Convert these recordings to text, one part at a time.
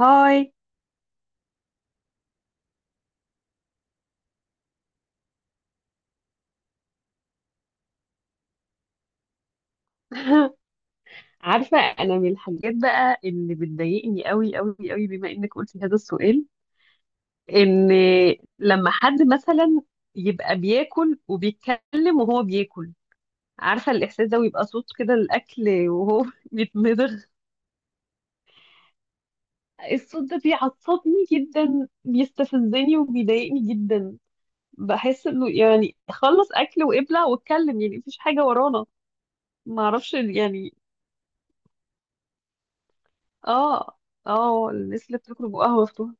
هاي. عارفة أنا من الحاجات بقى اللي بتضايقني قوي قوي قوي بما إنك قلتي هذا السؤال. إن لما حد مثلا يبقى بياكل وبيتكلم وهو بياكل، عارفة الإحساس ده، ويبقى صوت كده الأكل وهو بيتمضغ. الصوت ده بيعصبني جدا، بيستفزني وبيضايقني جدا. بحس إنه يعني خلص أكل وابلع واتكلم، يعني مفيش حاجة ورانا. معرفش يعني. آه. آه، الناس اللي بتاكل بقها مفتوحة،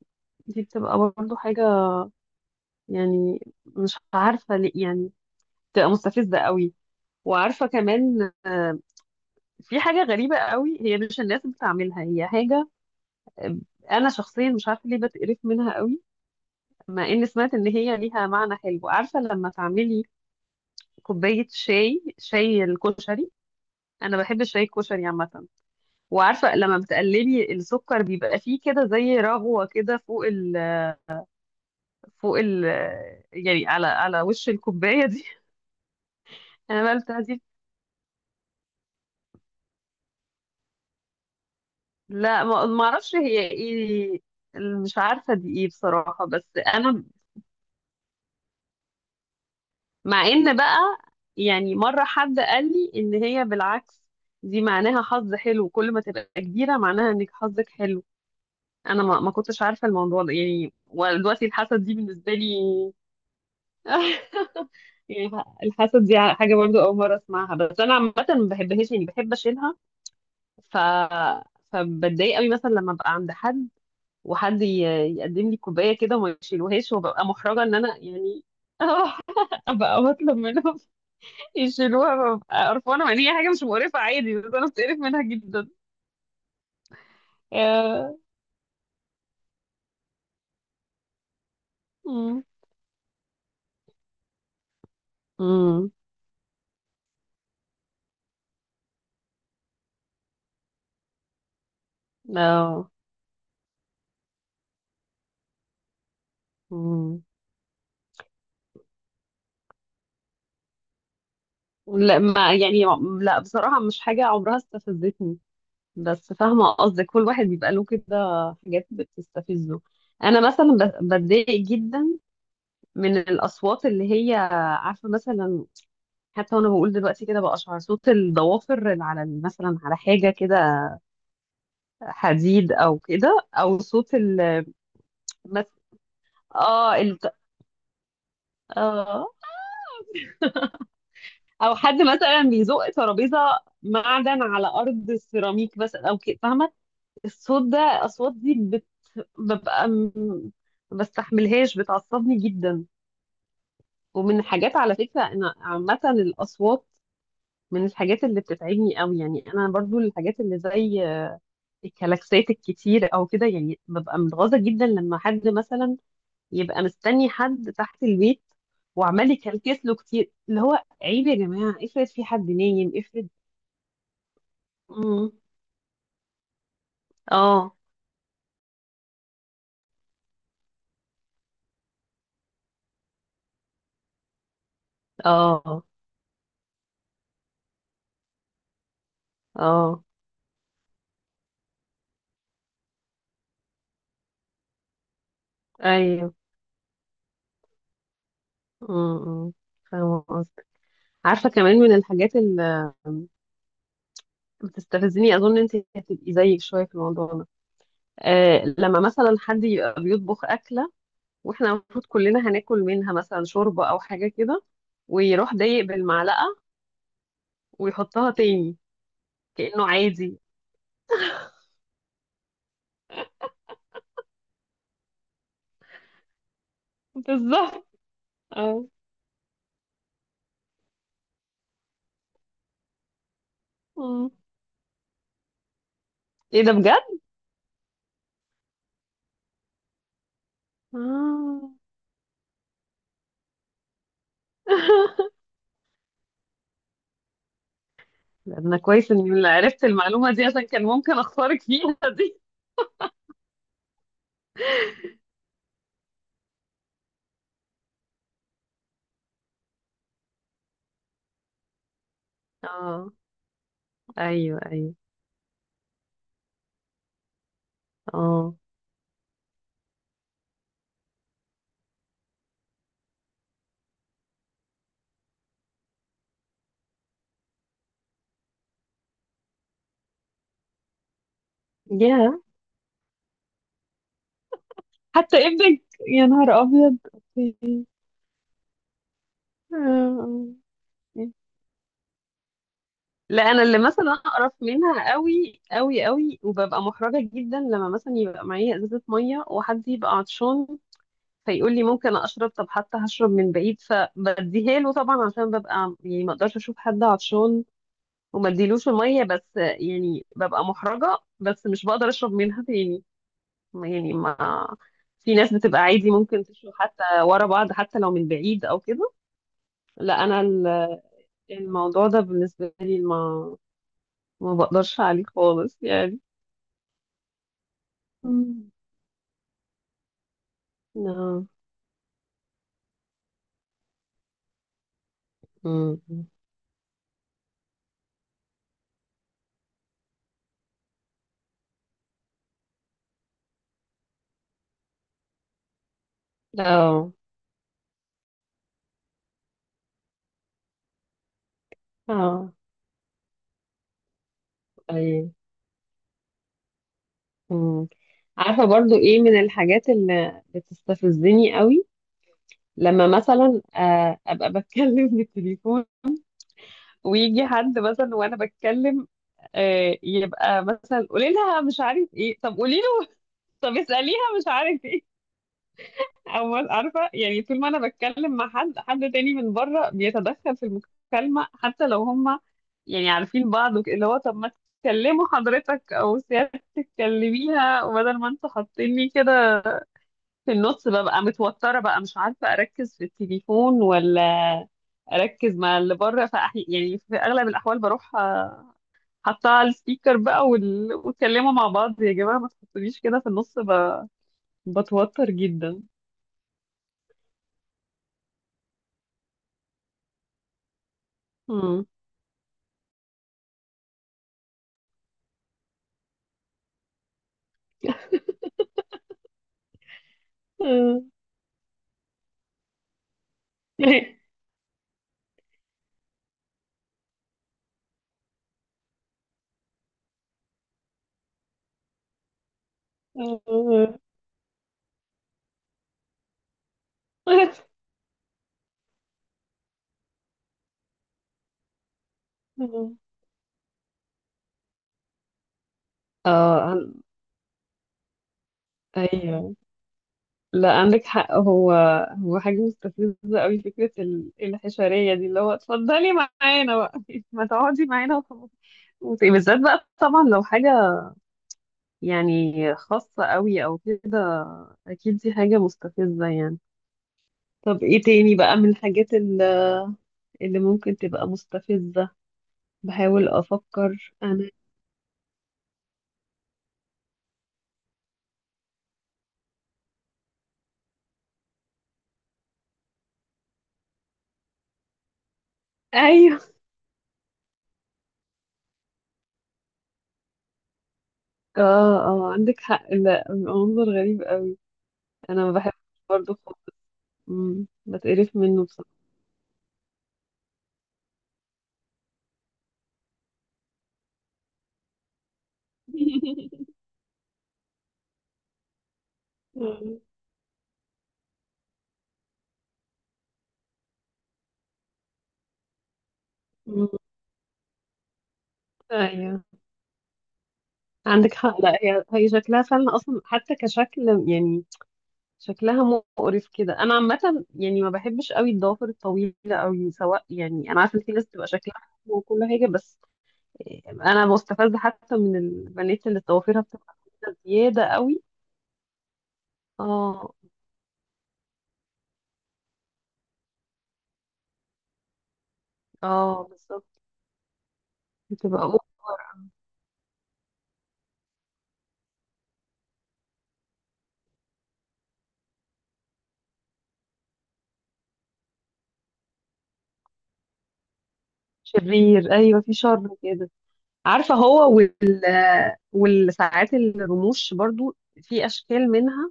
دي بتبقى برضو حاجة يعني، مش عارفة ليه يعني، بتبقى مستفزة قوي. وعارفة كمان في حاجة غريبة قوي، هي مش الناس بتعملها، هي حاجة، آه، أنا شخصيا مش عارفة ليه بتقرف منها قوي، مع إني سمعت إن هي ليها معنى حلو. عارفة لما تعملي كوباية شاي الكشري، أنا بحب الشاي الكشري عامة، وعارفة لما بتقلبي السكر بيبقى فيه كده زي رغوة كده فوق ال يعني على وش الكوباية دي. انا بقى بتاعتي. لا، ما اعرفش هي ايه، مش عارفه دي ايه بصراحه. بس انا مع ان بقى يعني مره حد قال لي ان هي بالعكس، دي معناها حظ حلو، كل ما تبقى كبيره معناها انك حظك حلو. انا ما كنتش عارفه الموضوع ده يعني، ودلوقتي الحسد دي بالنسبه لي. يعني الحسد دي حاجه برضو اول مره اسمعها، بس انا عامه ما بحبهاش، يعني بحب اشيلها. ف فبتضايق قوي مثلا لما ابقى عند حد، وحد يقدم لي كوبايه كده وما يشيلوهاش، وببقى محرجه ان انا يعني اروح ابقى بطلب منهم يشيلوها، ببقى قرفانه، مع ان هي حاجه مش مقرفه عادي، بس انا بتقرف منها جدا. آه. مم. مم. اه. مم. لا، ما يعني لا بصراحه مش حاجه عمرها استفزتني، بس فاهمه قصدك، كل واحد بيبقى له كده حاجات بتستفزه. انا مثلا بتضايق جدا من الاصوات اللي هي، عارفه مثلا، حتى وانا بقول دلوقتي كده بقشعر، صوت الضوافر اللي على مثلا على حاجه كده حديد او كده، او صوت ال مث- اه ال اه او حد مثلا بيزق ترابيزه معدن على ارض السيراميك بس، او كده فاهمه. الصوت ده، اصوات دي بت... ببقى م- ما بستحملهاش، بتعصبني جدا. ومن حاجات على فكره انا عامه الاصوات، من الحاجات اللي بتتعبني قوي، يعني انا برضو الحاجات اللي زي الكلاكسات الكتير او كده، يعني ببقى متغاظه جدا لما حد مثلا يبقى مستني حد تحت البيت، وعمال يكلكس له كتير، اللي هو عيب يا جماعه، افرض في حد نايم افرض. امم. اه. اه. اه. ايوه. امم. فاهمه قصدك. عارفه كمان من الحاجات اللي بتستفزني، اظن انت هتبقي زيك شويه في الموضوع ده. لما مثلا حد يبقى بيطبخ اكله، واحنا المفروض كلنا هناكل منها، مثلا شوربة او حاجة كده، ويروح ضايق بالمعلقة ويحطها تاني كأنه عادي. بالظبط. اه. مم. ايه ده بجد؟ آه. ده انا كويس اني اللي عرفت المعلومة دي، عشان كان ممكن اخسرك فيها دي. اه. ايوه ايوه. اه. يا. حتى ابنك، يا نهار ابيض. اوكي. آه. لا، انا اللي مثلا اقرف منها قوي قوي قوي وببقى محرجه جدا، لما مثلا يبقى معايا ازازه ميه وحد يبقى عطشان فيقول لي ممكن اشرب، طب حتى هشرب من بعيد، فبديها له طبعا عشان ببقى يعني ما اقدرش اشوف حد عطشان وما اديلوش الميه. بس يعني ببقى محرجه، بس مش بقدر اشرب منها تاني يعني. ما في ناس بتبقى عادي ممكن تشرب حتى ورا بعض، حتى لو من بعيد او كده. لا، انا الموضوع ده بالنسبه لي ما بقدرش عليه خالص يعني. مم. اه. مم. اه. اه. اي. مم. عارفه برضو ايه من الحاجات اللي بتستفزني قوي؟ لما مثلا ابقى بتكلم في التليفون ويجي حد مثلا وانا بتكلم، يبقى مثلا قولي لها مش عارف ايه، طب قولي له، طب اساليها مش عارف ايه. أول عارفة يعني، طول ما أنا بتكلم مع حد تاني من بره بيتدخل في المكالمة، حتى لو هما يعني عارفين بعض اللي هو طب ما تكلموا حضرتك أو سيادتك، تكلميها، وبدل ما انتوا حاطيني كده في النص ببقى متوترة بقى، مش عارفة أركز في التليفون ولا أركز مع اللي بره. يعني في أغلب الأحوال بروح حاطاه على السبيكر بقى، واتكلموا مع بعض يا جماعة، ما تحطونيش كده في النص بتوتر جدا. مم. آه. اه. ايوه. لا، عندك حق، هو حاجه مستفزه قوي، فكره الحشريه دي، اللي هو اتفضلي معانا بقى ما تقعدي معانا وخلاص. بالذات بقى طبعا لو حاجه يعني خاصه قوي او كده، اكيد دي حاجه مستفزه يعني. طب ايه تاني بقى من الحاجات اللي ممكن تبقى مستفزه؟ بحاول افكر انا. ايوه. اه. اه عندك حق، لا منظر غريب قوي. انا ما بحبش برضه خالص. مم. بتقرف منه بصراحه. مم. مم. ايوه عندك حق، لا هي شكلها فعلا اصلا حتى كشكل، يعني شكلها مقرف كده انا عامه، يعني ما بحبش قوي الضوافر الطويله قوي، سواء. يعني انا عارفه ان في ناس بتبقى شكلها حلو وكل حاجه، بس انا مستفزه حتى من البنات اللي ضوافرها بتبقى طويلة زياده قوي. اه. اه بالظبط. بتبقى اوفر. شرير ايوه، في شر كده. عارفة، هو والساعات الرموش برضو، في أشكال منها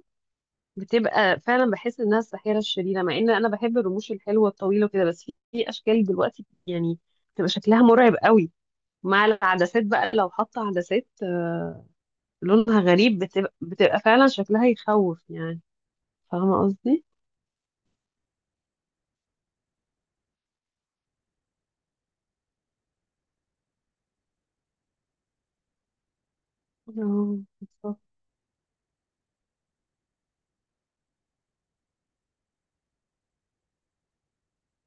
بتبقى، فعلا بحس إنها الساحرة الشريرة، مع إن أنا بحب الرموش الحلوة الطويلة وكده، بس في أشكال دلوقتي يعني بتبقى شكلها مرعب قوي. مع العدسات بقى لو حاطة عدسات لونها غريب، بتبقى فعلا شكلها يخوف يعني، فاهمة قصدي؟ اه بالظبط.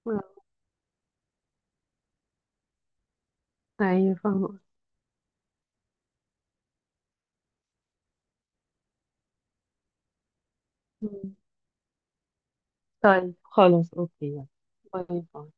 آه. أيوه، فاهمة قصدي. طيب خلاص أوكي يلا. باي باي.